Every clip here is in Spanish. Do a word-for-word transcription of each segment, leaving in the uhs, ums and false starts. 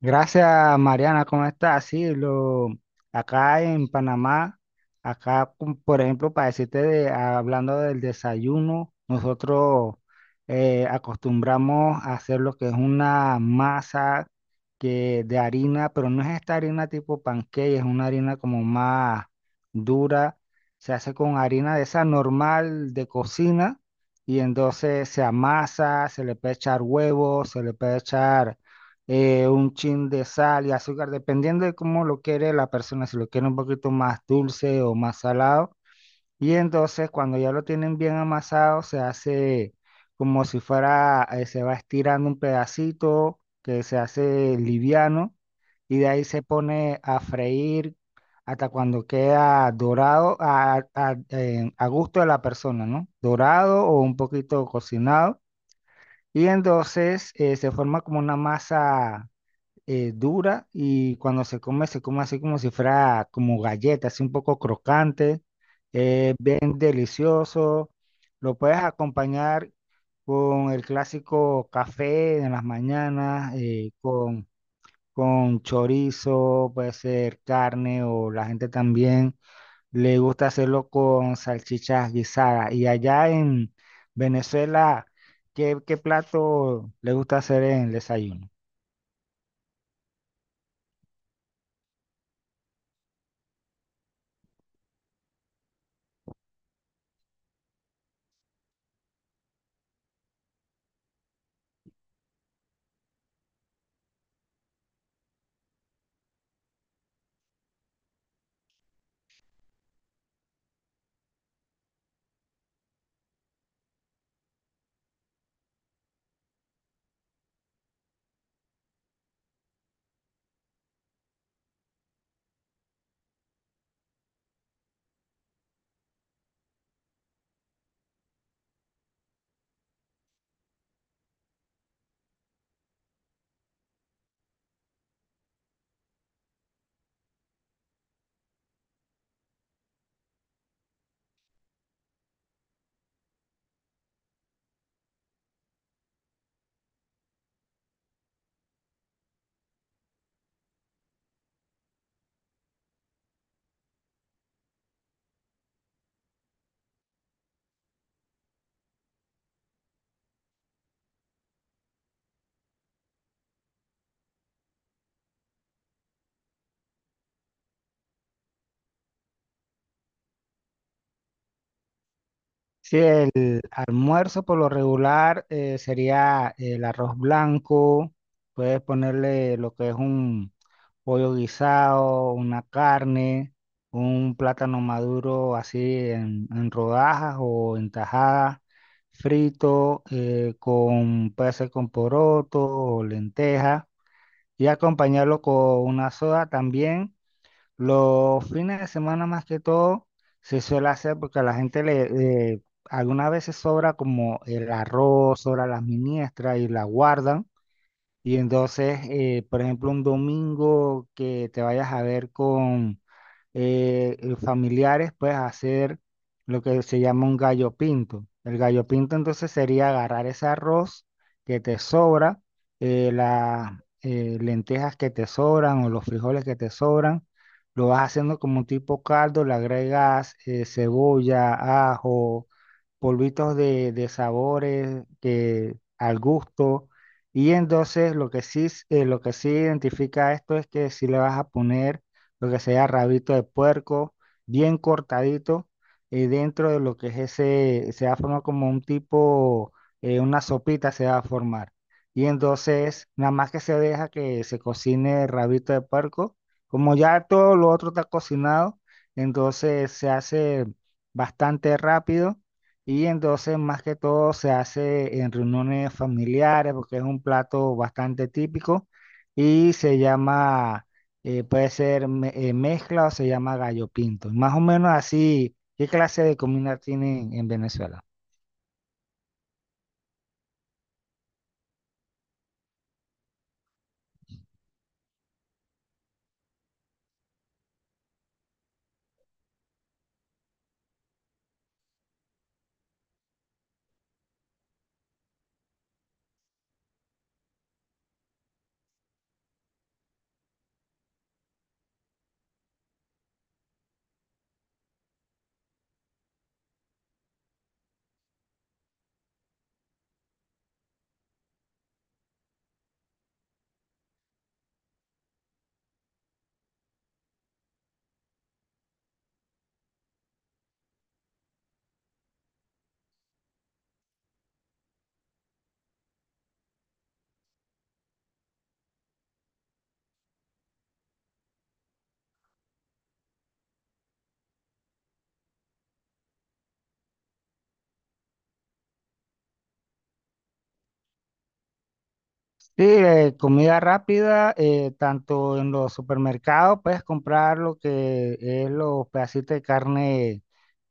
Gracias, Mariana, ¿cómo estás? Sí, lo, acá en Panamá, acá, cum- por ejemplo, para decirte, de- hablando del desayuno, nosotros eh, acostumbramos a hacer lo que es una masa que de harina, pero no es esta harina tipo pancake, es una harina como más dura. Se hace con harina de esa normal de cocina, y entonces se amasa, se le puede echar huevos, se le puede echar eh, un chin de sal y azúcar, dependiendo de cómo lo quiere la persona, si lo quiere un poquito más dulce o más salado. Y entonces cuando ya lo tienen bien amasado, se hace como si fuera, eh, se va estirando un pedacito que se hace liviano, y de ahí se pone a freír hasta cuando queda dorado a, a- eh, a gusto de la persona, ¿no? Dorado o un poquito cocinado. Y entonces eh, se forma como una masa eh, dura, y cuando se come, se come así como si fuera como galleta, así un poco crocante, eh, bien delicioso. Lo puedes acompañar con el clásico café en las mañanas, eh, con, con chorizo, puede ser carne, o la gente también le gusta hacerlo con salchichas guisadas. Y allá en Venezuela, ¿qué, qué plato le gusta hacer en el desayuno? Sí, el almuerzo por lo regular eh, sería el arroz blanco. Puedes ponerle lo que es un pollo guisado, una carne, un plátano maduro así en, en rodajas o en tajadas, frito, eh, con, puede ser con poroto o lenteja, y acompañarlo con una soda también. Los fines de semana más que todo se suele hacer porque a la gente le eh, algunas veces sobra como el arroz, sobra las miniestras y la guardan. Y entonces, eh, por ejemplo, un domingo que te vayas a ver con eh, eh, familiares, pues hacer lo que se llama un gallo pinto. El gallo pinto entonces sería agarrar ese arroz que te sobra, eh, las eh, lentejas que te sobran o los frijoles que te sobran, lo vas haciendo como un tipo caldo, le agregas eh, cebolla, ajo, polvitos de, de sabores que, al gusto. Y entonces lo que sí, s- eh, lo que sí identifica esto es que si le vas a poner lo que sea rabito de puerco, bien cortadito, eh, dentro de lo que es ese, se va a formar como un tipo, eh, una sopita se va a formar. Y entonces, nada más que se deja que se cocine el rabito de puerco, como ya todo lo otro está cocinado, entonces se hace bastante rápido. Y entonces, más que todo, se hace en reuniones familiares porque es un plato bastante típico y se llama eh, puede ser me- eh, mezcla, o se llama gallo pinto. Más o menos así, ¿qué clase de comida tienen en Venezuela? Sí, eh, comida rápida, eh, tanto en los supermercados puedes comprar lo que es los pedacitos de carne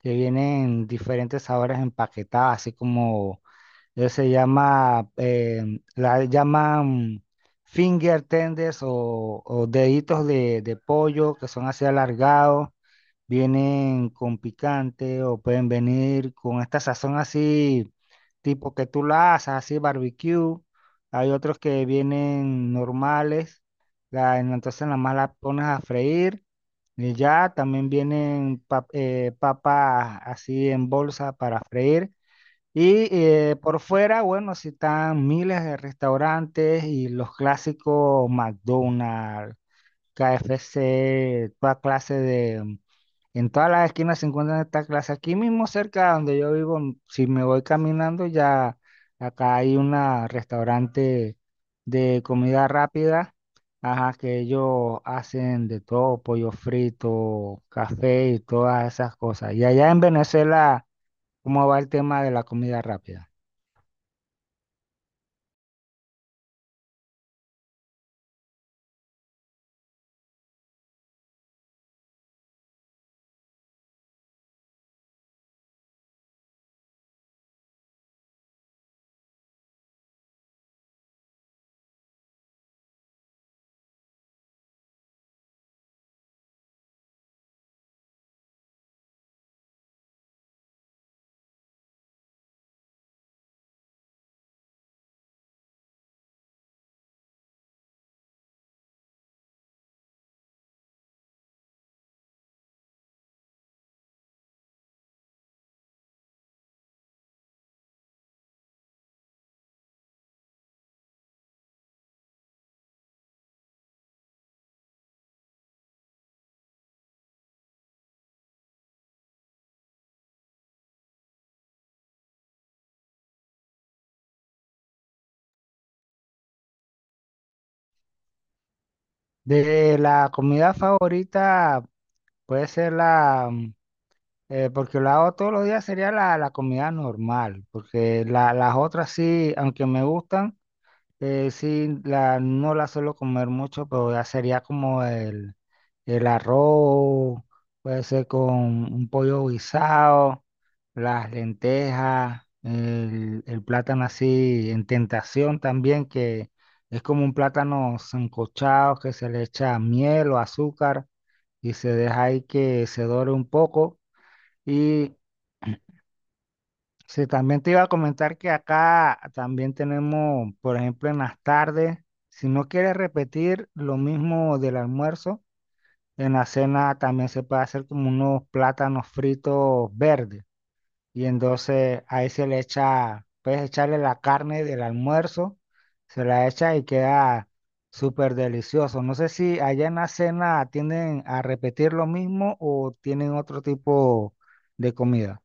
que vienen diferentes sabores empaquetadas, así como eh, se llama, em, la llaman finger tenders, o, o deditos de, de pollo, que son así alargados. Vienen con picante o pueden venir con esta sazón así, tipo que tú la haces, así barbecue. Hay otros que vienen normales, la- en- entonces nada más la pones a freír, y ya también vienen pap- eh, papas así en bolsa para freír. Y eh, por fuera, bueno, sí están miles de restaurantes y los clásicos McDonald's, K F C, toda clase de, en todas las esquinas se encuentran estas clases. Aquí mismo cerca de donde yo vivo, m- si me voy caminando, ya acá hay un restaurante de comida rápida, ajá, que ellos hacen de todo, pollo frito, café y todas esas cosas. Y allá en Venezuela, ¿cómo va el tema de la comida rápida? De la comida favorita puede ser la mm, Eh, porque lo hago todos los días, sería la, la comida normal, porque la- las otras sí, aunque me gustan, eh, sí, la, no las suelo comer mucho, pero ya sería como el, el arroz, puede ser con un pollo guisado, las lentejas, el, el plátano así en tentación también, que es como un plátano sancochado que se le echa miel o azúcar y se deja ahí que se dore un poco. Y sí, también te iba a comentar que acá también tenemos, por ejemplo, en las tardes, si no quieres repetir lo mismo del almuerzo, en la cena también se puede hacer como unos plátanos fritos verdes. Y entonces ahí se le echa, puedes echarle la carne del almuerzo, se la echa y queda súper delicioso. No sé si allá en la cena tienden a repetir lo mismo o tienen otro tipo de comida.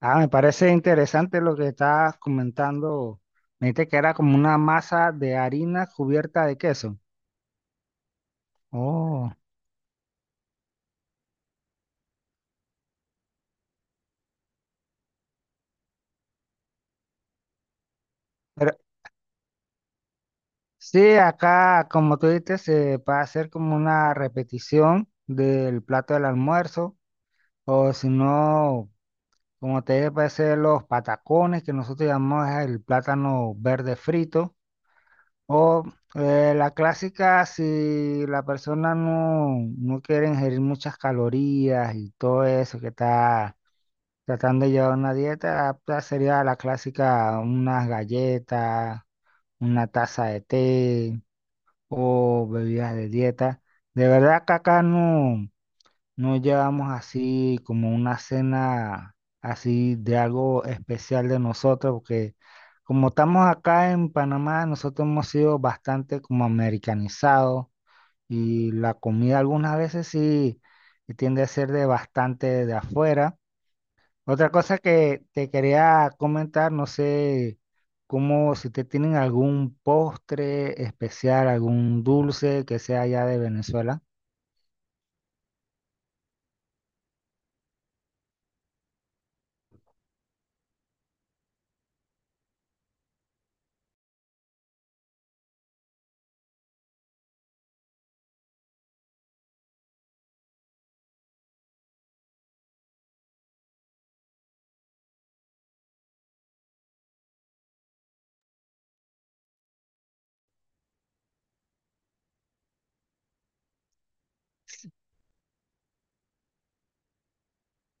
Ah, me parece interesante lo que estás comentando. Me dijiste que era como una masa de harina cubierta de queso. Oh, pero sí, acá, como tú dijiste, se puede hacer como una repetición del plato del almuerzo, o si no, como te dije, puede ser los patacones, que nosotros llamamos el plátano verde frito, o eh, la clásica, si la persona no, no quiere ingerir muchas calorías y todo eso, que está tratando de llevar una dieta apta, sería la clásica, unas galletas, una taza de té o bebidas de dieta. De verdad que acá no, no llevamos así como una cena así de algo especial de nosotros, porque como estamos acá en Panamá, nosotros hemos sido bastante como americanizados, y la comida algunas veces sí tiende a ser de bastante de afuera. Otra cosa que te quería comentar, no sé cómo, si te tienen algún postre especial, algún dulce que sea allá de Venezuela.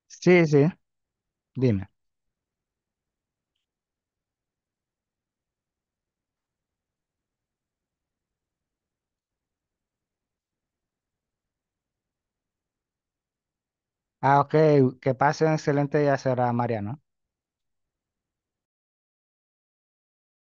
Sí, sí, dime. Ah, ok, que pase un excelente día será, Mariano.